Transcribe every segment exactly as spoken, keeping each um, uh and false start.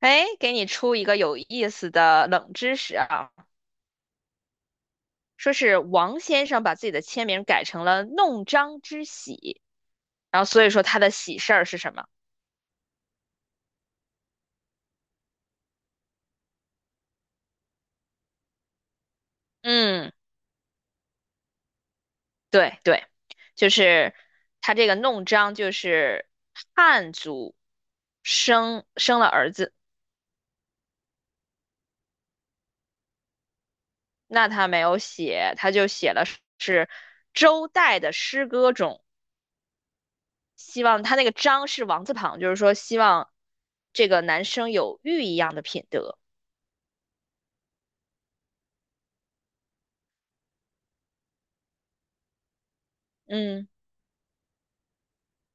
哎，给你出一个有意思的冷知识啊，说是王先生把自己的签名改成了"弄璋之喜"，然后所以说他的喜事儿是什么？嗯，对对，就是他这个弄璋就是汉族生生了儿子，那他没有写，他就写了是周代的诗歌中，希望他那个璋是王字旁，就是说希望这个男生有玉一样的品德。嗯，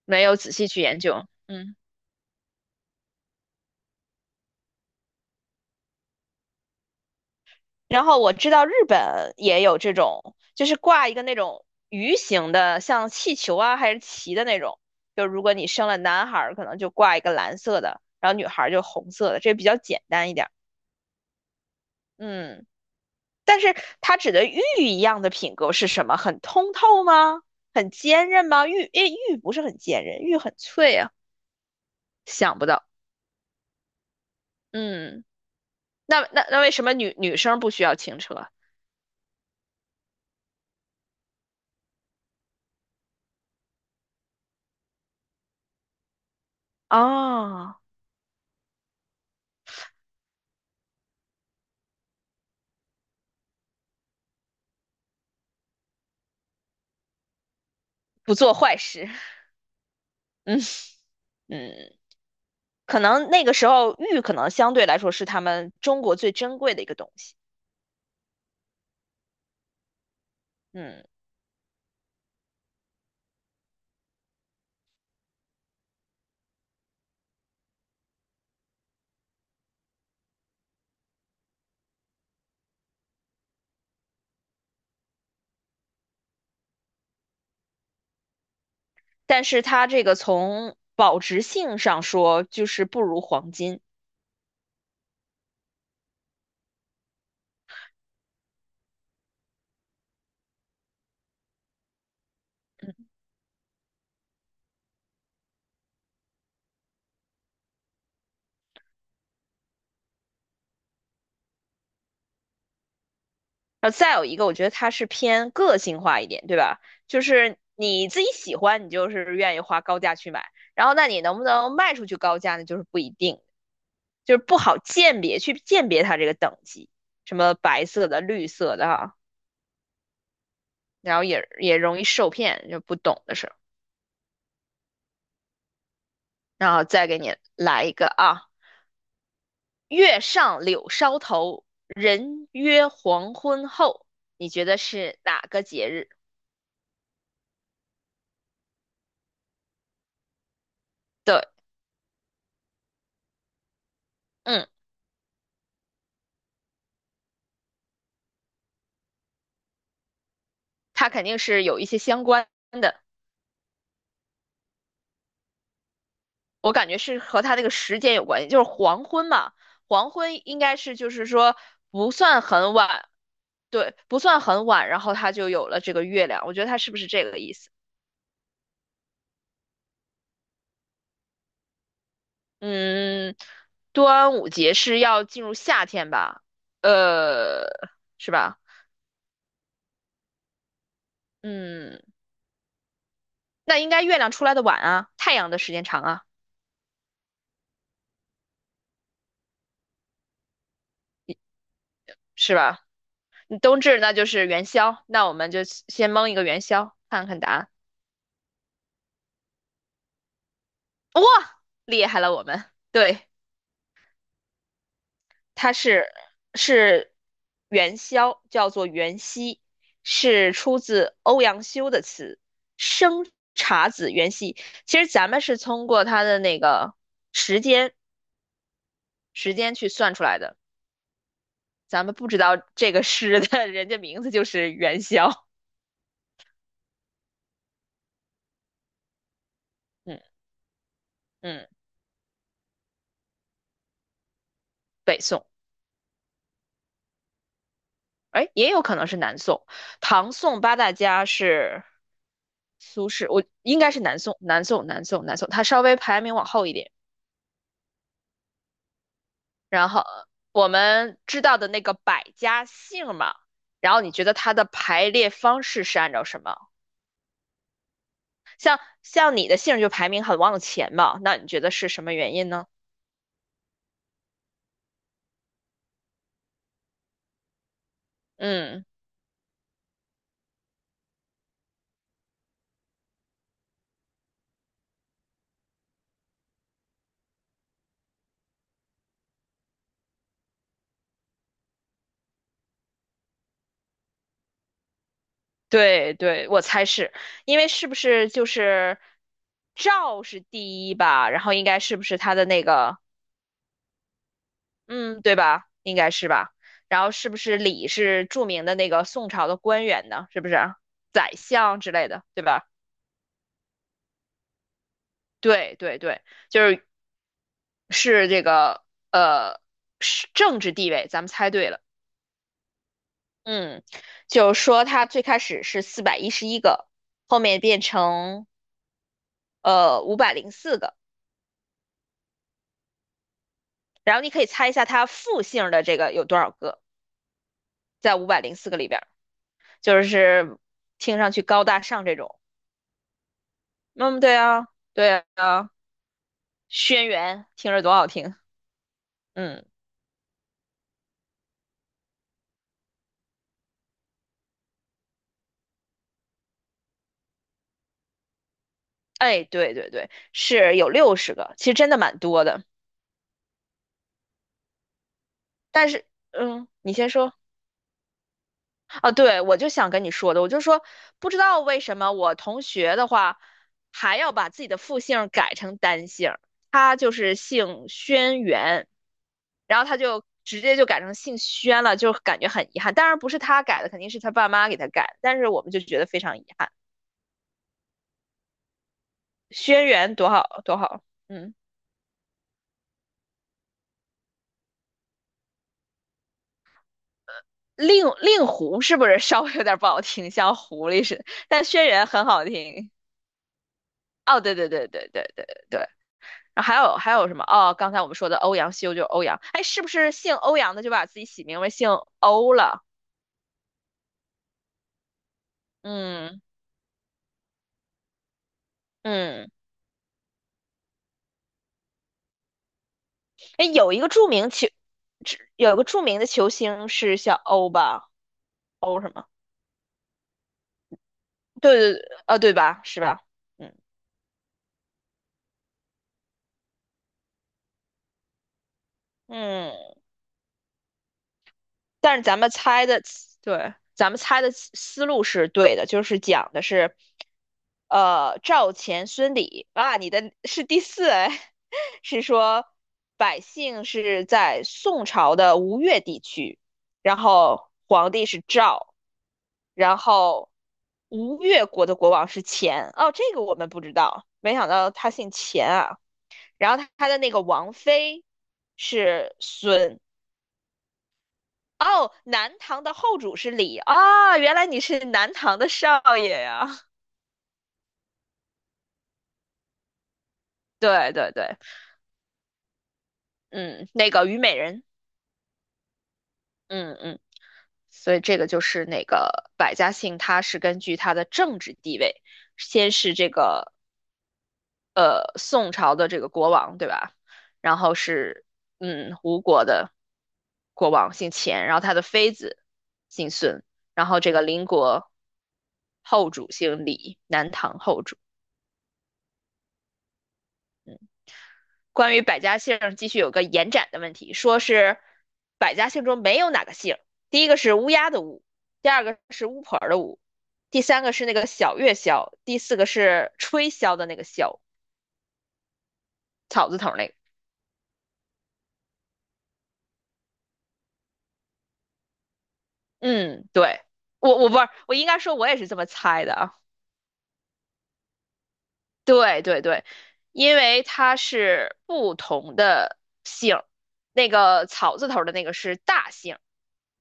没有仔细去研究，嗯然后我知道日本也有这种，就是挂一个那种鱼形的，像气球啊还是旗的那种。就如果你生了男孩儿，可能就挂一个蓝色的，然后女孩儿就红色的，这比较简单一点儿。嗯，但是它指的玉一样的品格是什么？很通透吗？很坚韧吗？玉，诶，玉不是很坚韧，玉很脆啊。想不到，嗯，那那那为什么女女生不需要轻车？哦。不做坏事。嗯嗯，可能那个时候玉可能相对来说是他们中国最珍贵的一个东西。嗯，但是它这个从保值性上说，就是不如黄金。嗯，后再有一个，我觉得它是偏个性化一点，对吧？就是你自己喜欢，你就是愿意花高价去买，然后那你能不能卖出去高价呢？就是不一定，就是不好鉴别，去鉴别它这个等级，什么白色的、绿色的啊，然后也也容易受骗，就不懂的事。候，然后再给你来一个啊，月上柳梢头，人约黄昏后，你觉得是哪个节日？对，嗯，它肯定是有一些相关的，我感觉是和它那个时间有关系，就是黄昏嘛，黄昏应该是就是说不算很晚，对，不算很晚，然后它就有了这个月亮，我觉得它是不是这个意思？嗯，端午节是要进入夏天吧？呃，是吧？嗯，那应该月亮出来的晚啊，太阳的时间长啊，是吧？你冬至那就是元宵，那我们就先蒙一个元宵，看看答案。哇，厉害了我们！对，它是是元宵，叫做元夕，是出自欧阳修的词"生查子元夕"。其实咱们是通过它的那个时间。时间去算出来的。咱们不知道这个诗的 人家名字就是元宵，嗯嗯，北宋，哎，也有可能是南宋，唐宋八大家是苏轼，我应该是南宋，南宋，南宋，南宋，它稍微排名往后一点。然后我们知道的那个百家姓嘛，然后你觉得它的排列方式是按照什么？像你的姓就排名很往前嘛，那你觉得是什么原因呢？嗯。对对，我猜是因为是不是就是赵是第一吧，然后应该是不是他的那个，嗯，对吧？应该是吧。然后是不是李是著名的那个宋朝的官员呢？是不是宰相之类的，对吧？对对对，就是是这个呃是政治地位，咱们猜对了。嗯，就是说他最开始是四百一十一个，后面变成呃五百零四个。然后你可以猜一下它复姓的这个有多少个，在五百零四个里边儿，就是听上去高大上这种。嗯，对啊，对啊，轩辕听着多好听。嗯，哎，对对对，是有六十个，其实真的蛮多的。但是，嗯，你先说啊，对，我就想跟你说的，我就说不知道为什么我同学的话还要把自己的复姓改成单姓他就是姓轩辕。然后他就直接就改成姓轩了，就感觉很遗憾。当然不是他改的，肯定是他爸妈给他改的但是我们就觉得非常遗憾。轩辕多好多好，嗯，令令狐是不是稍微有点不好听，像狐狸似的？但轩辕很好听。哦，对对对对对对对。然后还有还有什么？哦，刚才我们说的欧阳修就是欧阳，哎，是不是姓欧阳的就把自己起名为姓欧了？嗯嗯，哎，有一个著名球，有一个著名的球星是叫欧吧？O 什么？对对对，啊，对吧？是吧？嗯嗯，但是咱们猜的，对，咱们猜的思思路是对的，就是讲的是，呃，赵钱孙李啊，你的是第四哎，是说百姓是在宋朝的吴越地区，然后皇帝是赵，然后吴越国的国王是钱，哦，这个我们不知道，没想到他姓钱啊。然后他的那个王妃是孙。哦，南唐的后主是李啊、原来你是南唐的少爷呀！对对对，嗯，那个虞美人，嗯嗯，所以这个就是那个百家姓，它是根据它的政治地位，先是这个呃宋朝的这个国王，对吧？然后是嗯吴国的国王姓钱，然后他的妃子姓孙，然后这个邻国后主姓李，南唐后主。关于百家姓儿继续有个延展的问题，说是百家姓中没有哪个姓儿第一个是乌鸦的乌，第二个是巫婆儿的巫，第三个是那个小月箫，第四个是吹箫的那个箫，草字头儿那个。嗯，对，我我不是，我应该说我也是这么猜的啊。对对对，因为它是不同的姓儿，那个草字头儿的那个是大姓，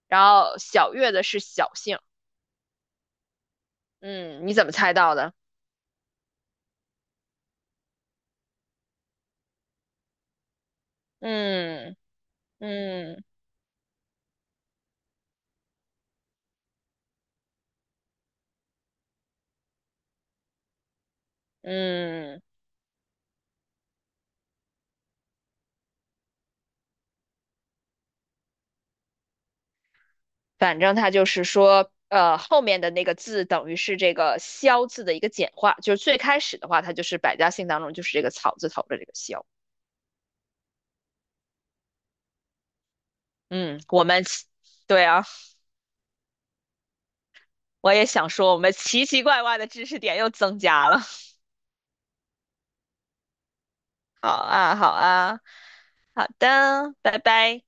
然后小月的是小姓。嗯，你怎么猜到的？嗯嗯嗯，反正它就是说，呃，后面的那个字等于是这个萧字的一个简化，就是最开始的话，它就是百家姓当中就是这个草字头的这个萧。嗯，我们对啊。我也想说，我们奇奇怪怪的知识点又增加了。好啊，好啊，好的，拜拜。